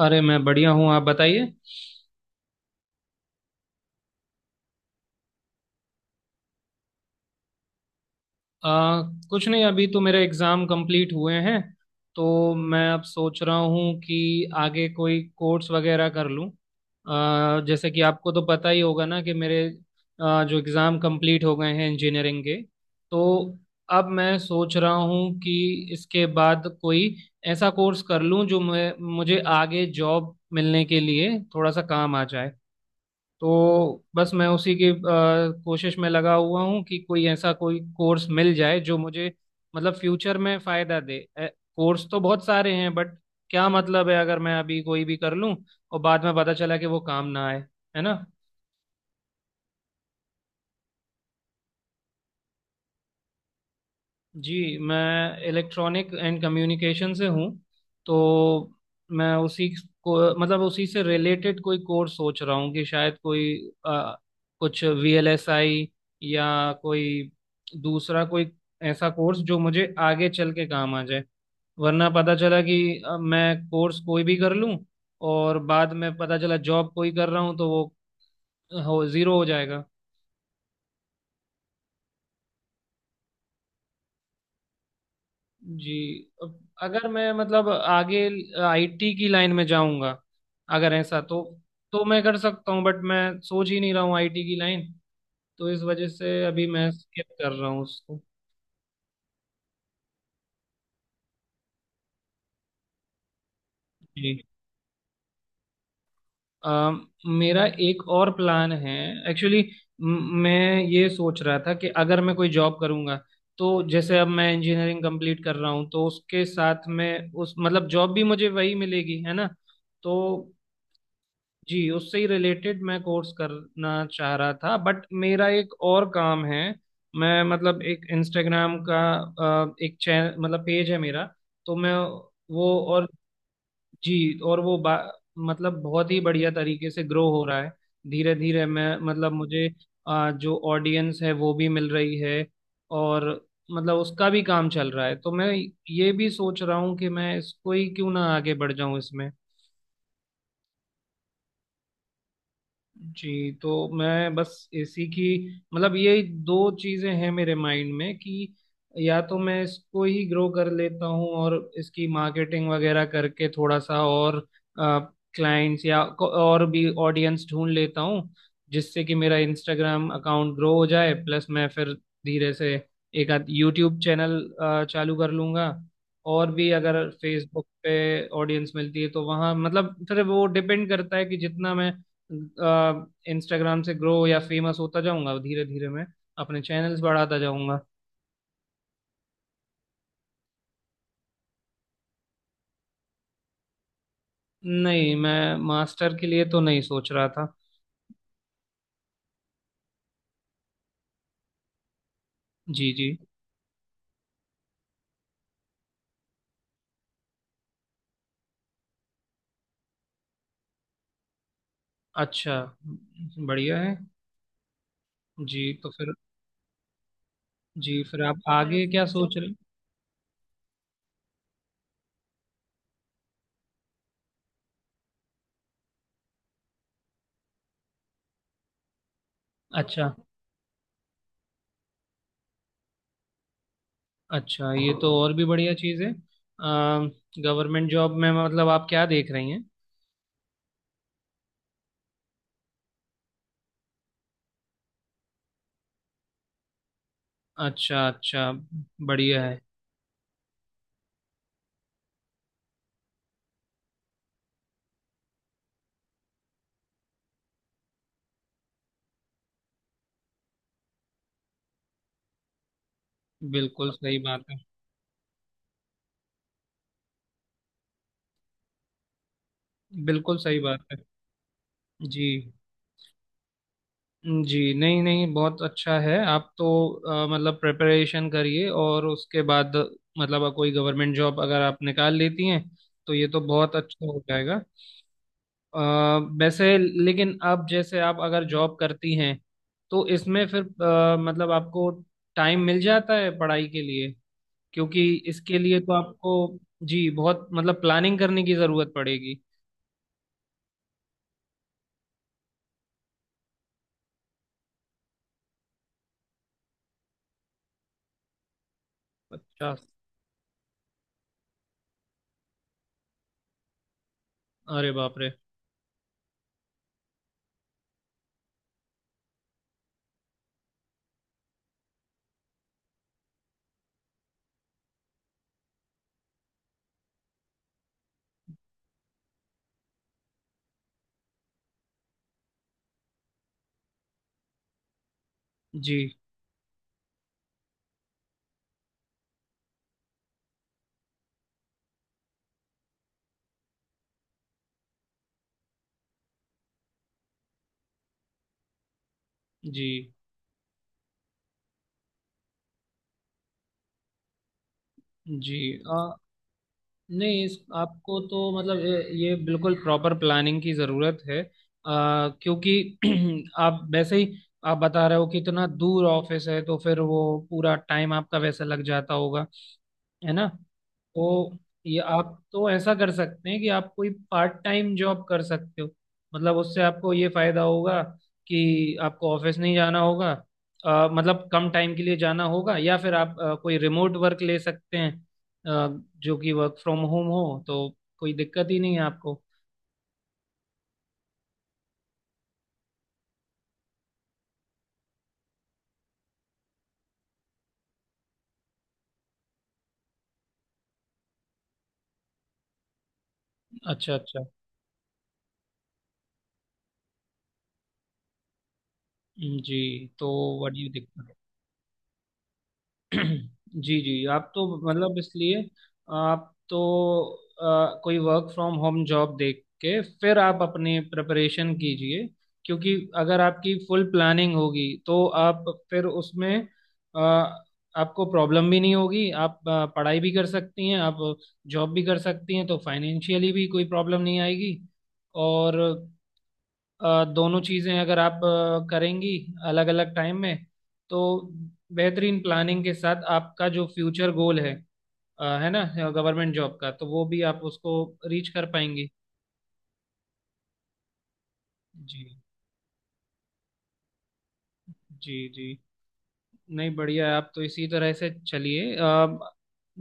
अरे मैं बढ़िया हूँ, आप बताइए। आ, कुछ नहीं, अभी तो मेरे एग्ज़ाम कंप्लीट हुए हैं। तो मैं अब सोच रहा हूँ कि आगे कोई कोर्स वगैरह कर लूँ। जैसे कि आपको तो पता ही होगा ना कि मेरे जो एग्ज़ाम कंप्लीट हो गए हैं इंजीनियरिंग के। तो अब मैं सोच रहा हूँ कि इसके बाद कोई ऐसा कोर्स कर लूँ जो मैं मुझे आगे जॉब मिलने के लिए थोड़ा सा काम आ जाए। तो बस मैं उसी की कोशिश में लगा हुआ हूँ कि कोई कोर्स मिल जाए जो मुझे मतलब फ्यूचर में फायदा दे। कोर्स तो बहुत सारे हैं, बट क्या मतलब है अगर मैं अभी कोई भी कर लूँ और बाद में पता चला कि वो काम ना आए। है ना। जी, मैं इलेक्ट्रॉनिक एंड कम्युनिकेशन से हूँ। तो मैं उसी को मतलब उसी से रिलेटेड कोई कोर्स सोच रहा हूँ कि शायद कोई अ, कुछ वीएलएसआई या कोई ऐसा कोर्स जो मुझे आगे चल के काम आ जाए। वरना पता चला कि मैं कोर्स कोई भी कर लूँ और बाद में पता चला जॉब कोई कर रहा हूँ तो वो हो जीरो हो जाएगा। जी, अब अगर मैं मतलब आगे आईटी की लाइन में जाऊंगा, अगर ऐसा तो मैं कर सकता हूँ, बट मैं सोच ही नहीं रहा हूँ आईटी की लाइन। तो इस वजह से अभी मैं स्किप कर रहा हूँ उसको। जी। अम, मेरा एक और प्लान है एक्चुअली। मैं ये सोच रहा था कि अगर मैं कोई जॉब करूंगा तो जैसे अब मैं इंजीनियरिंग कंप्लीट कर रहा हूँ तो उसके साथ में उस मतलब जॉब भी मुझे वही मिलेगी, है ना। तो जी, उससे ही रिलेटेड मैं कोर्स करना चाह रहा था, बट मेरा एक और काम है। मैं मतलब एक इंस्टाग्राम का एक चैनल मतलब पेज है मेरा। तो मैं वो और जी, और वो मतलब बहुत ही बढ़िया तरीके से ग्रो हो रहा है। धीरे धीरे मैं मतलब मुझे जो ऑडियंस है वो भी मिल रही है और मतलब उसका भी काम चल रहा है। तो मैं ये भी सोच रहा हूँ कि मैं इसको ही क्यों ना आगे बढ़ जाऊं इसमें। जी, तो मैं बस एसी की मतलब ये दो चीजें हैं मेरे माइंड में कि या तो मैं इसको ही ग्रो कर लेता हूँ और इसकी मार्केटिंग वगैरह करके थोड़ा सा और क्लाइंट्स और भी ऑडियंस ढूंढ लेता हूँ जिससे कि मेरा इंस्टाग्राम अकाउंट ग्रो हो जाए। प्लस मैं फिर धीरे से एक आध यूट्यूब चैनल चालू कर लूंगा। और भी अगर फेसबुक पे ऑडियंस मिलती है तो वहाँ मतलब फिर वो डिपेंड करता है कि जितना मैं इंस्टाग्राम से ग्रो या फेमस होता जाऊंगा, धीरे धीरे मैं अपने चैनल्स बढ़ाता जाऊंगा। नहीं, मैं मास्टर के लिए तो नहीं सोच रहा था। जी जी। अच्छा, बढ़िया है। जी, तो फिर जी, फिर आप आगे क्या सोच रहे हैं? अच्छा अच्छा, ये तो और भी बढ़िया चीज़ है। गवर्नमेंट जॉब में मतलब आप क्या देख रही हैं। अच्छा अच्छा, बढ़िया है। बिल्कुल सही बात है। बिल्कुल सही बात है। जी जी। नहीं नहीं, बहुत अच्छा है। आप तो मतलब प्रिपरेशन करिए और उसके बाद मतलब कोई गवर्नमेंट जॉब अगर आप निकाल लेती हैं तो ये तो बहुत अच्छा हो जाएगा। अ, वैसे, लेकिन अब जैसे आप अगर जॉब करती हैं तो इसमें फिर मतलब आपको टाइम मिल जाता है पढ़ाई के लिए, क्योंकि इसके लिए तो आपको जी बहुत मतलब प्लानिंग करने की ज़रूरत पड़ेगी। अच्छा, अरे बाप रे। जी जी जी। नहीं, इस आपको तो मतलब ये बिल्कुल प्रॉपर प्लानिंग की ज़रूरत है। क्योंकि आप वैसे ही आप बता रहे हो कि इतना दूर ऑफिस है तो फिर वो पूरा टाइम आपका वैसे लग जाता होगा, है ना। तो ये आप तो ऐसा कर सकते हैं कि आप कोई पार्ट टाइम जॉब कर सकते हो। मतलब उससे आपको ये फायदा होगा कि आपको ऑफिस नहीं जाना होगा। मतलब कम टाइम के लिए जाना होगा या फिर आप कोई रिमोट वर्क ले सकते हैं। जो कि वर्क फ्रॉम होम हो, तो कोई दिक्कत ही नहीं है आपको। अच्छा अच्छा। जी, तो व्हाट यू थिंक। जी जी, आप तो मतलब इसलिए आप तो कोई वर्क फ्रॉम होम जॉब देख के फिर आप अपनी प्रिपरेशन कीजिए। क्योंकि अगर आपकी फुल प्लानिंग होगी तो आप फिर उसमें अ, आपको प्रॉब्लम भी नहीं होगी। आप पढ़ाई भी कर सकती हैं, आप जॉब भी कर सकती हैं तो फाइनेंशियली भी कोई प्रॉब्लम नहीं आएगी। और दोनों चीज़ें अगर आप करेंगी अलग अलग टाइम में, तो बेहतरीन प्लानिंग के साथ आपका जो फ्यूचर गोल है, है ना, गवर्नमेंट जॉब का, तो वो भी आप उसको रीच कर पाएंगी। जी जी जी। नहीं, बढ़िया है। आप तो इसी तरह से चलिए। आप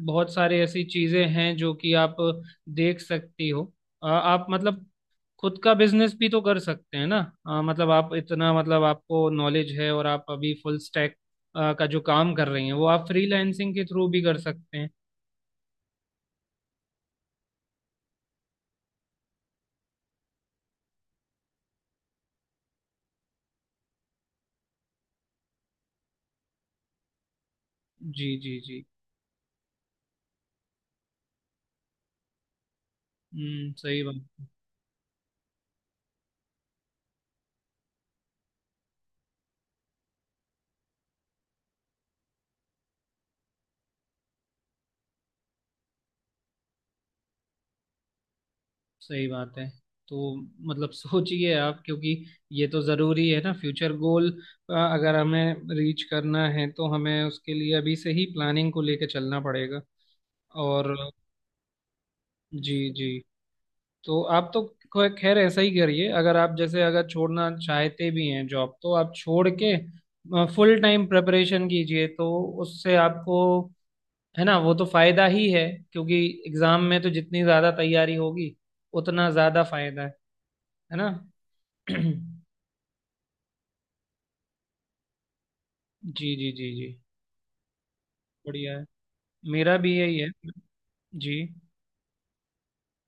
बहुत सारी ऐसी चीजें हैं जो कि आप देख सकती हो। आप मतलब खुद का बिजनेस भी तो कर सकते हैं ना। मतलब आप इतना मतलब आपको नॉलेज है और आप अभी फुल स्टैक का जो काम कर रही हैं वो आप फ्रीलांसिंग के थ्रू भी कर सकते हैं। जी जी जी। हम्म, सही बात है। तो मतलब सोचिए आप, क्योंकि ये तो जरूरी है ना फ्यूचर गोल, अगर हमें रीच करना है तो हमें उसके लिए अभी से ही प्लानिंग को लेके चलना पड़ेगा। और जी जी, तो आप तो खैर ऐसा ही करिए। अगर आप जैसे अगर छोड़ना चाहते भी हैं जॉब, तो आप छोड़ के फुल टाइम प्रिपरेशन कीजिए तो उससे आपको, है ना, वो तो फायदा ही है। क्योंकि एग्जाम में तो जितनी ज्यादा तैयारी होगी उतना ज्यादा फायदा है ना। जी। जी जी जी। बढ़िया है, मेरा भी यही है। जी,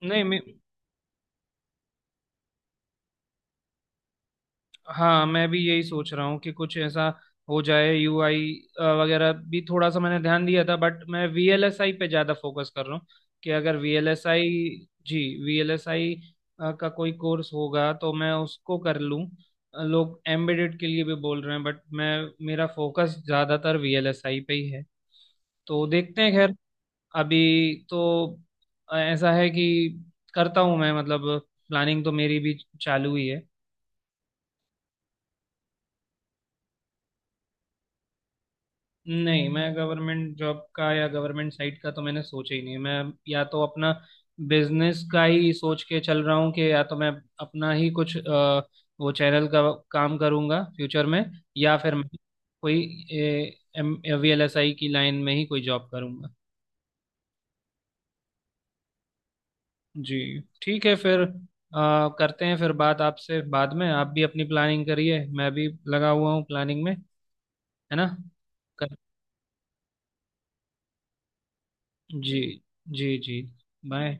नहीं मैं, हाँ मैं भी यही सोच रहा हूँ कि कुछ ऐसा हो जाए। यूआई वगैरह भी थोड़ा सा मैंने ध्यान दिया था, बट मैं वीएलएसआई पे ज़्यादा फोकस कर रहा हूँ कि अगर वीएलएसआई, जी, वीएलएसआई का कोई कोर्स होगा तो मैं उसको कर लूँ। लोग एम्बेडेड के लिए भी बोल रहे हैं, बट मैं मेरा फोकस ज़्यादातर वीएलएसआई पे ही है। तो देखते हैं, खैर अभी तो ऐसा है कि करता हूँ मैं मतलब प्लानिंग तो मेरी भी चालू ही है। नहीं, मैं गवर्नमेंट जॉब का या गवर्नमेंट साइट का तो मैंने सोचा ही नहीं। मैं या तो अपना बिजनेस का ही सोच के चल रहा हूँ कि या तो मैं अपना ही कुछ वो चैनल का काम करूँगा फ्यूचर में, या फिर मैं कोई वीएलएसआई की लाइन में ही कोई जॉब करूँगा। जी ठीक है फिर। करते हैं फिर बात आपसे बाद में। आप भी अपनी प्लानिंग करिए, मैं भी लगा हुआ हूँ प्लानिंग में, है ना। कर जी जी जी। बाय।